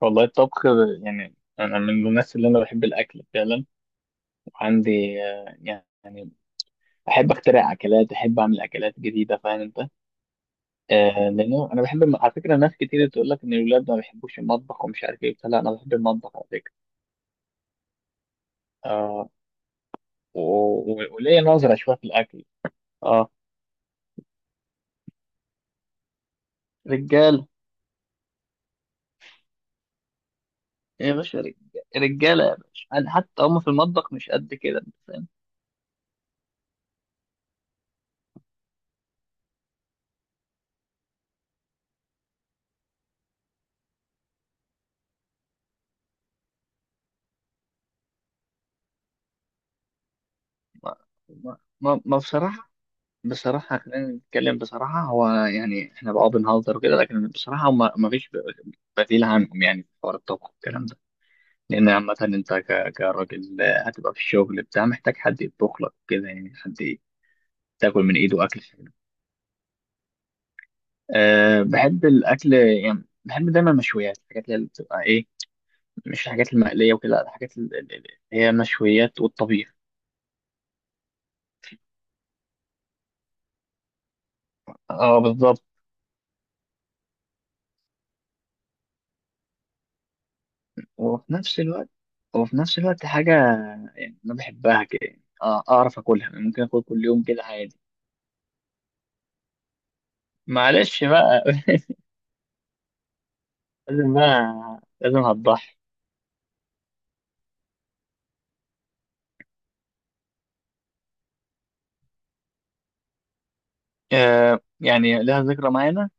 والله الطبخ يعني أنا من الناس اللي أنا بحب الأكل فعلا. وعندي يعني أحب أخترع أكلات، أحب أعمل أكلات جديدة، فاهم أنت؟ آه، لأنه أنا بحب على فكرة ناس كتير تقول لك إن الولاد ما بيحبوش المطبخ ومش عارف إيه. لا، أنا بحب المطبخ على فكرة. آه، وليا نظرة شوية في الأكل. آه، رجالة يا باشا، رجالة يا باشا. أنا حتى هم في المطبخ مش قد كده، أنت فاهم؟ ما ما ما ما بصراحة، بصراحة خلينا نتكلم بصراحة. هو يعني احنا بقى بنهزر وكده، لكن بصراحة هما ما فيش بديل عنهم يعني في حوار الطبخ والكلام ده. لأن عامة أنت كراجل هتبقى في الشغل بتاع، محتاج حد يطبخ لك كده، يعني حد تاكل من إيده أكل حلو. أه بحب الأكل، يعني بحب دايما المشويات، الحاجات اللي بتبقى إيه، مش الحاجات المقلية وكده. لا، الحاجات اللي هي المشويات والطبيخ. اه بالظبط. وفي نفس الوقت وفي نفس الوقت حاجة يعني أنا بحبها كده يعني. آه، أعرف أكلها، يعني ممكن أكل كل يوم كده عادي. معلش بقى. لازم بقى، لازم هتضحي. آه يعني لها ذكرى معانا.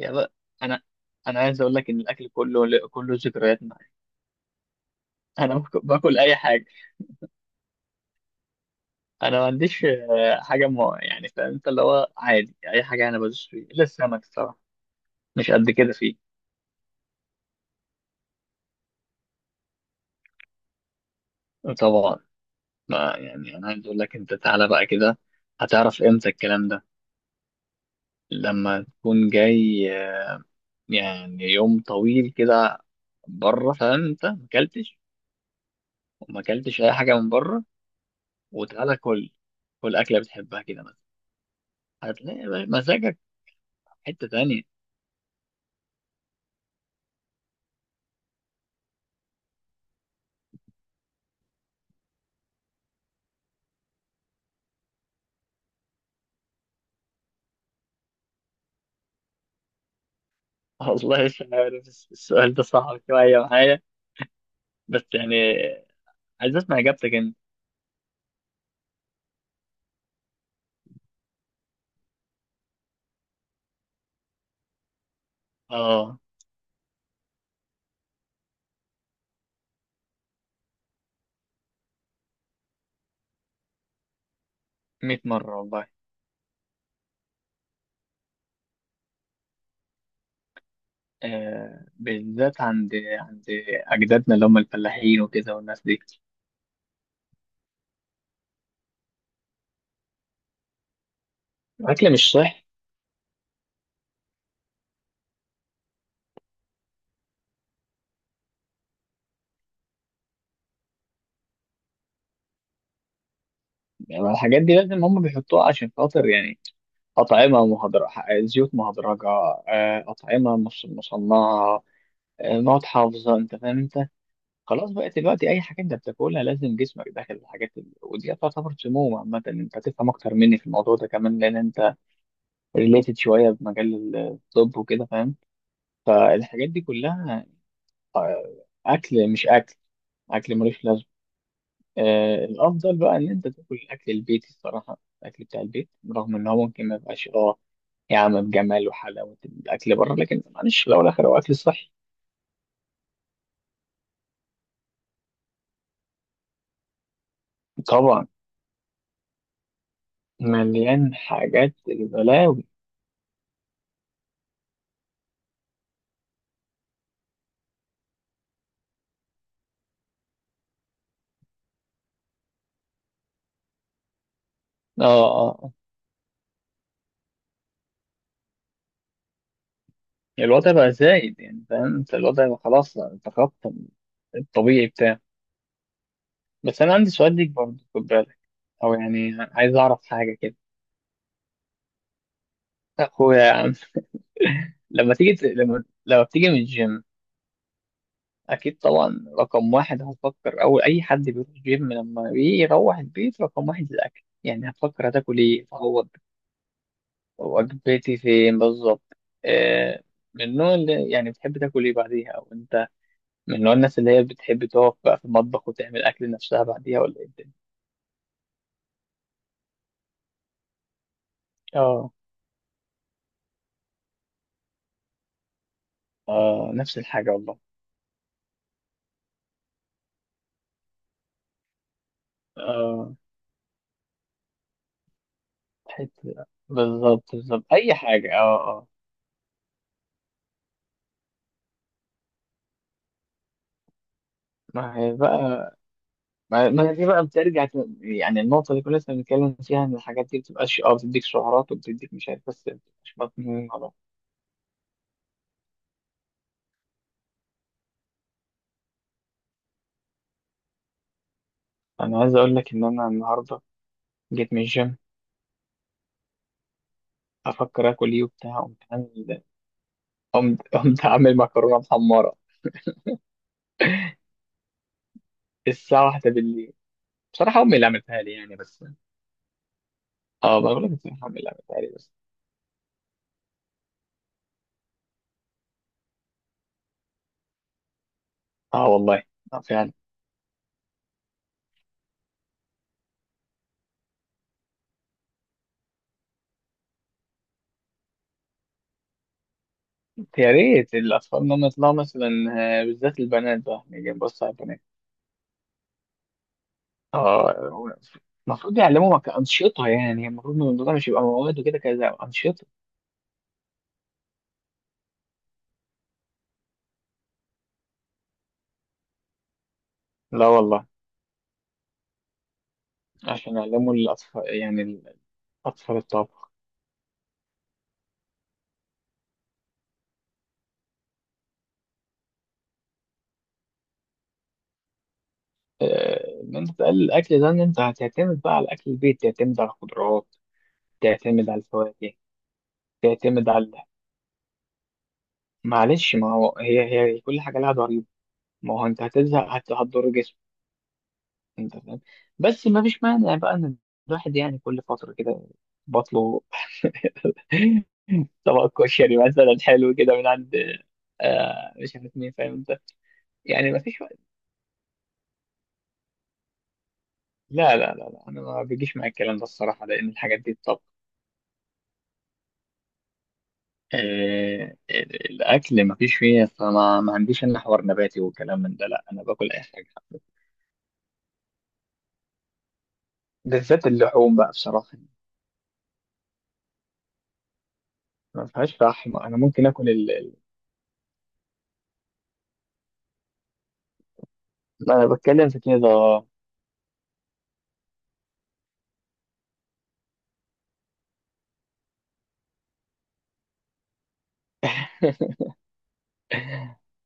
يا بقى، أنا أنا عايز أقول لك إن الأكل كله كله ذكريات معايا. أنا باكل، باكل أي حاجة. أنا ما عنديش حاجة ما، يعني فاهم أنت، اللي هو عادي أي حاجة أنا بدوس فيه إلا السمك الصراحة. مش قد كده فيه. طبعا. ما يعني أنا عايز أقول لك، أنت تعالى بقى كده هتعرف إمتى الكلام ده. لما تكون جاي يعني يوم طويل كده بره، فانت ما اكلتش وما اكلتش اي حاجه من بره، وتعالى كل كل اكله بتحبها كده مثلا، هتلاقي بقى مزاجك في حته تانية. والله مش عارف السؤال ده صعب شويه معايا، بس يعني عايز اسمع اجابتك انت. اه 100 مره والله. آه بالذات عند اجدادنا اللي هم الفلاحين وكده، والناس دي. الاكل مش صح، يعني الحاجات دي لازم هم بيحطوها عشان خاطر يعني أطعمة مهدرجة، زيوت مهدرجة، آه، أطعمة مش مصنعة، آه، مواد حافظة، أنت فاهم أنت. خلاص بقى دلوقتي أي حاجة أنت بتاكلها لازم جسمك داخل الحاجات دي، ودي تعتبر سموم. عامة أنت تفهم أكتر مني في الموضوع ده كمان لأن أنت ريليتد شوية بمجال الطب وكده، فاهم. فالحاجات دي كلها آه، أكل مش أكل، أكل ملوش لازمة. آه، الأفضل بقى إن أنت تاكل الأكل البيتي، الصراحة الأكل بتاع البيت رغم إن هو ممكن ما يبقاش أه يا عم بجمال وحلاوة الأكل بره، لكن معلش في الأول والآخر هو أكل صحي. طبعا، مليان حاجات البلاوي. اه اه آه. الوضع بقى زايد يعني، فاهم انت، الوضع بقى خلاص تخطى الطبيعي بتاعه. بس أنا عندي سؤال ليك برضه، خد بالك، أو يعني عايز أعرف حاجة كده. أخويا يا عم، لما لما بتيجي من الجيم أكيد طبعا رقم واحد هتفكر، أول أي حد بيروح جيم لما بيروح البيت رقم واحد الأكل، يعني هتفكر هتاكل إيه، وجبتي فين بالظبط. آه، من النوع اللي يعني بتحب تاكل ايه بعديها، او انت من نوع الناس اللي هي بتحب تقف بقى في المطبخ وتعمل اكل نفسها بعديها، ولا ايه الدنيا. اه اه، نفس الحاجه والله. اه حته. بالظبط بالظبط اي حاجه اه اه. ما هي بقى، ما هي دي بقى بترجع يعني النقطه اللي كنا لسه بنتكلم فيها، ان الحاجات دي بتبقاش اه، بتديك سعرات وبتديك مش عارف، بس مش مضمون على بعض. انا عايز اقول لك ان انا النهارده جيت من الجيم افكر اكل ايه وبتاع، قمت عامل، قمت عامل مكرونه محمره الساعه واحدة بالليل. بصراحه امي اللي عملتها لي يعني، بس اه بقول لك بصراحه امي اللي عملتها لي بس. اه والله، اه فعلا. يا ريت الاطفال انهم يطلعوا مثلا آه، بالذات البنات بقى، نيجي نبص على البنات. اه المفروض يعلموا انشطه. يعني المفروض إن الموضوع مش يبقى مواد وكده، كذا انشطه. لا والله. عشان يعلموا الاطفال يعني الاطفال الطبخ. آه، ان انت تقلل الاكل ده، ان انت هتعتمد بقى على اكل البيت، تعتمد على الخضروات، تعتمد على الفواكه، تعتمد على. معلش ما هو هي، هي كل حاجه لها ضريبه. ما هو انت هتزهق، هتضر جسمك انت فاهم. بس ما فيش مانع بقى ان الواحد يعني كل فتره كده بطله طبق كشري مثلا حلو كده من عند آه مش عارف مين، فاهم انت. يعني ما فيش وقت. لا، انا ما بيجيش معايا الكلام ده الصراحه، لان الحاجات دي طب آه الاكل ما فيش فيه، فما ما عنديش انا حوار نباتي وكلام من ده. لا انا باكل اي حاجه، بالذات اللحوم بقى بصراحه. ما فيهاش فحم، انا ممكن اكل انا بتكلم في كده.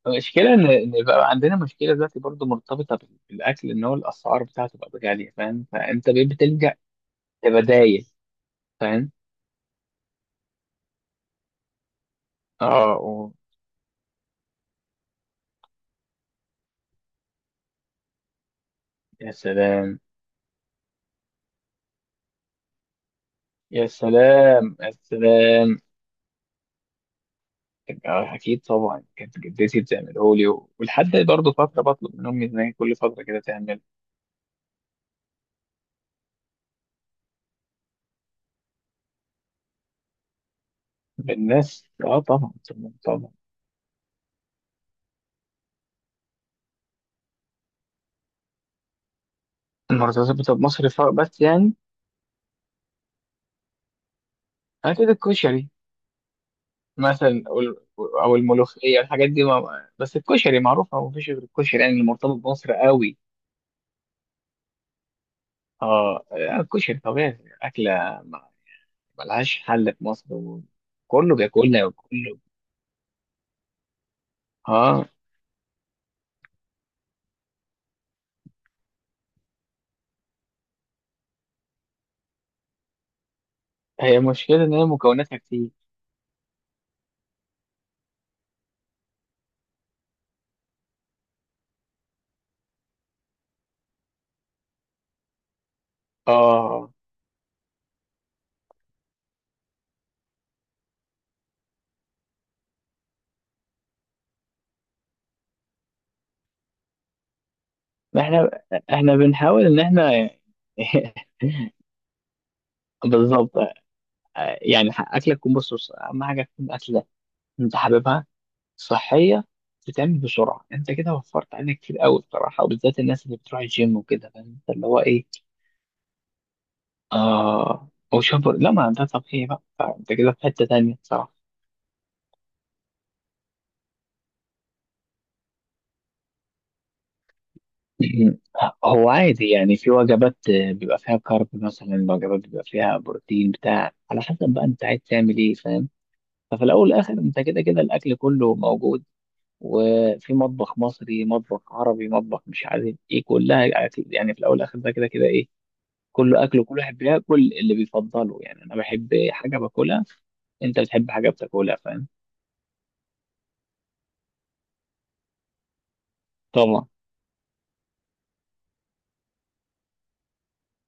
المشكله ان إن بقى عندنا مشكله دلوقتي برضو مرتبطه بالاكل، ان هو الاسعار بتاعته بقت غاليه، فاهم، فانت بقيت بتلجأ لبدايل، فاهم. اه و... يا سلام، يا سلام، يا سلام. آه، اكيد طبعا كانت جدتي بتعمله لي ولحد برضه فتره بطلب من امي ان هي كل فتره كده تعمل. بالناس اه طبعا طبعا طبعا. المرتبطه بمصر بس يعني اكيد الكشري مثلا، أو أو الملوخية الحاجات دي، ما بس الكشري معروفة ومفيش غير الكشري يعني اللي مرتبط بمصر قوي. اه آه، الكشري طبيعي أكلة ما- ملهاش حل في مصر، وكله بياكلها وكله. اه هي مشكلة إن هي مكوناتها كتير. اه احنا احنا بنحاول إن احنا بالظبط. آه، يعني أكلة تكون، بص بص، أهم حاجة تكون أكلة أنت حاببها، صحية، تتعمل بسرعة. انت كده وفرت علينا كتير قوي بصراحة، وبالذات الناس اللي بتروح الجيم وكده، فاهم انت، اللي هو ايه. اه هو شبر، لا ما ده طبيعي بقى، فانت كده في حتة تانية بصراحة. م- هو عادي يعني، في وجبات آه، بيبقى فيها كارب مثلا، وجبات بيبقى فيها بروتين بتاع، على حسب بقى انت عايز تعمل ايه، فاهم. ففي الاول والاخر انت كده كده الاكل كله موجود، وفي مطبخ مصري، مطبخ عربي، مطبخ مش عارف ايه، كلها اكل يعني. في الاول والاخر ده كده كده ايه، كله اكل، وكل واحد بياكل اللي بيفضله. يعني انا بحب حاجه باكلها، انت بتحب حاجه بتاكلها، فاهم. طبعا.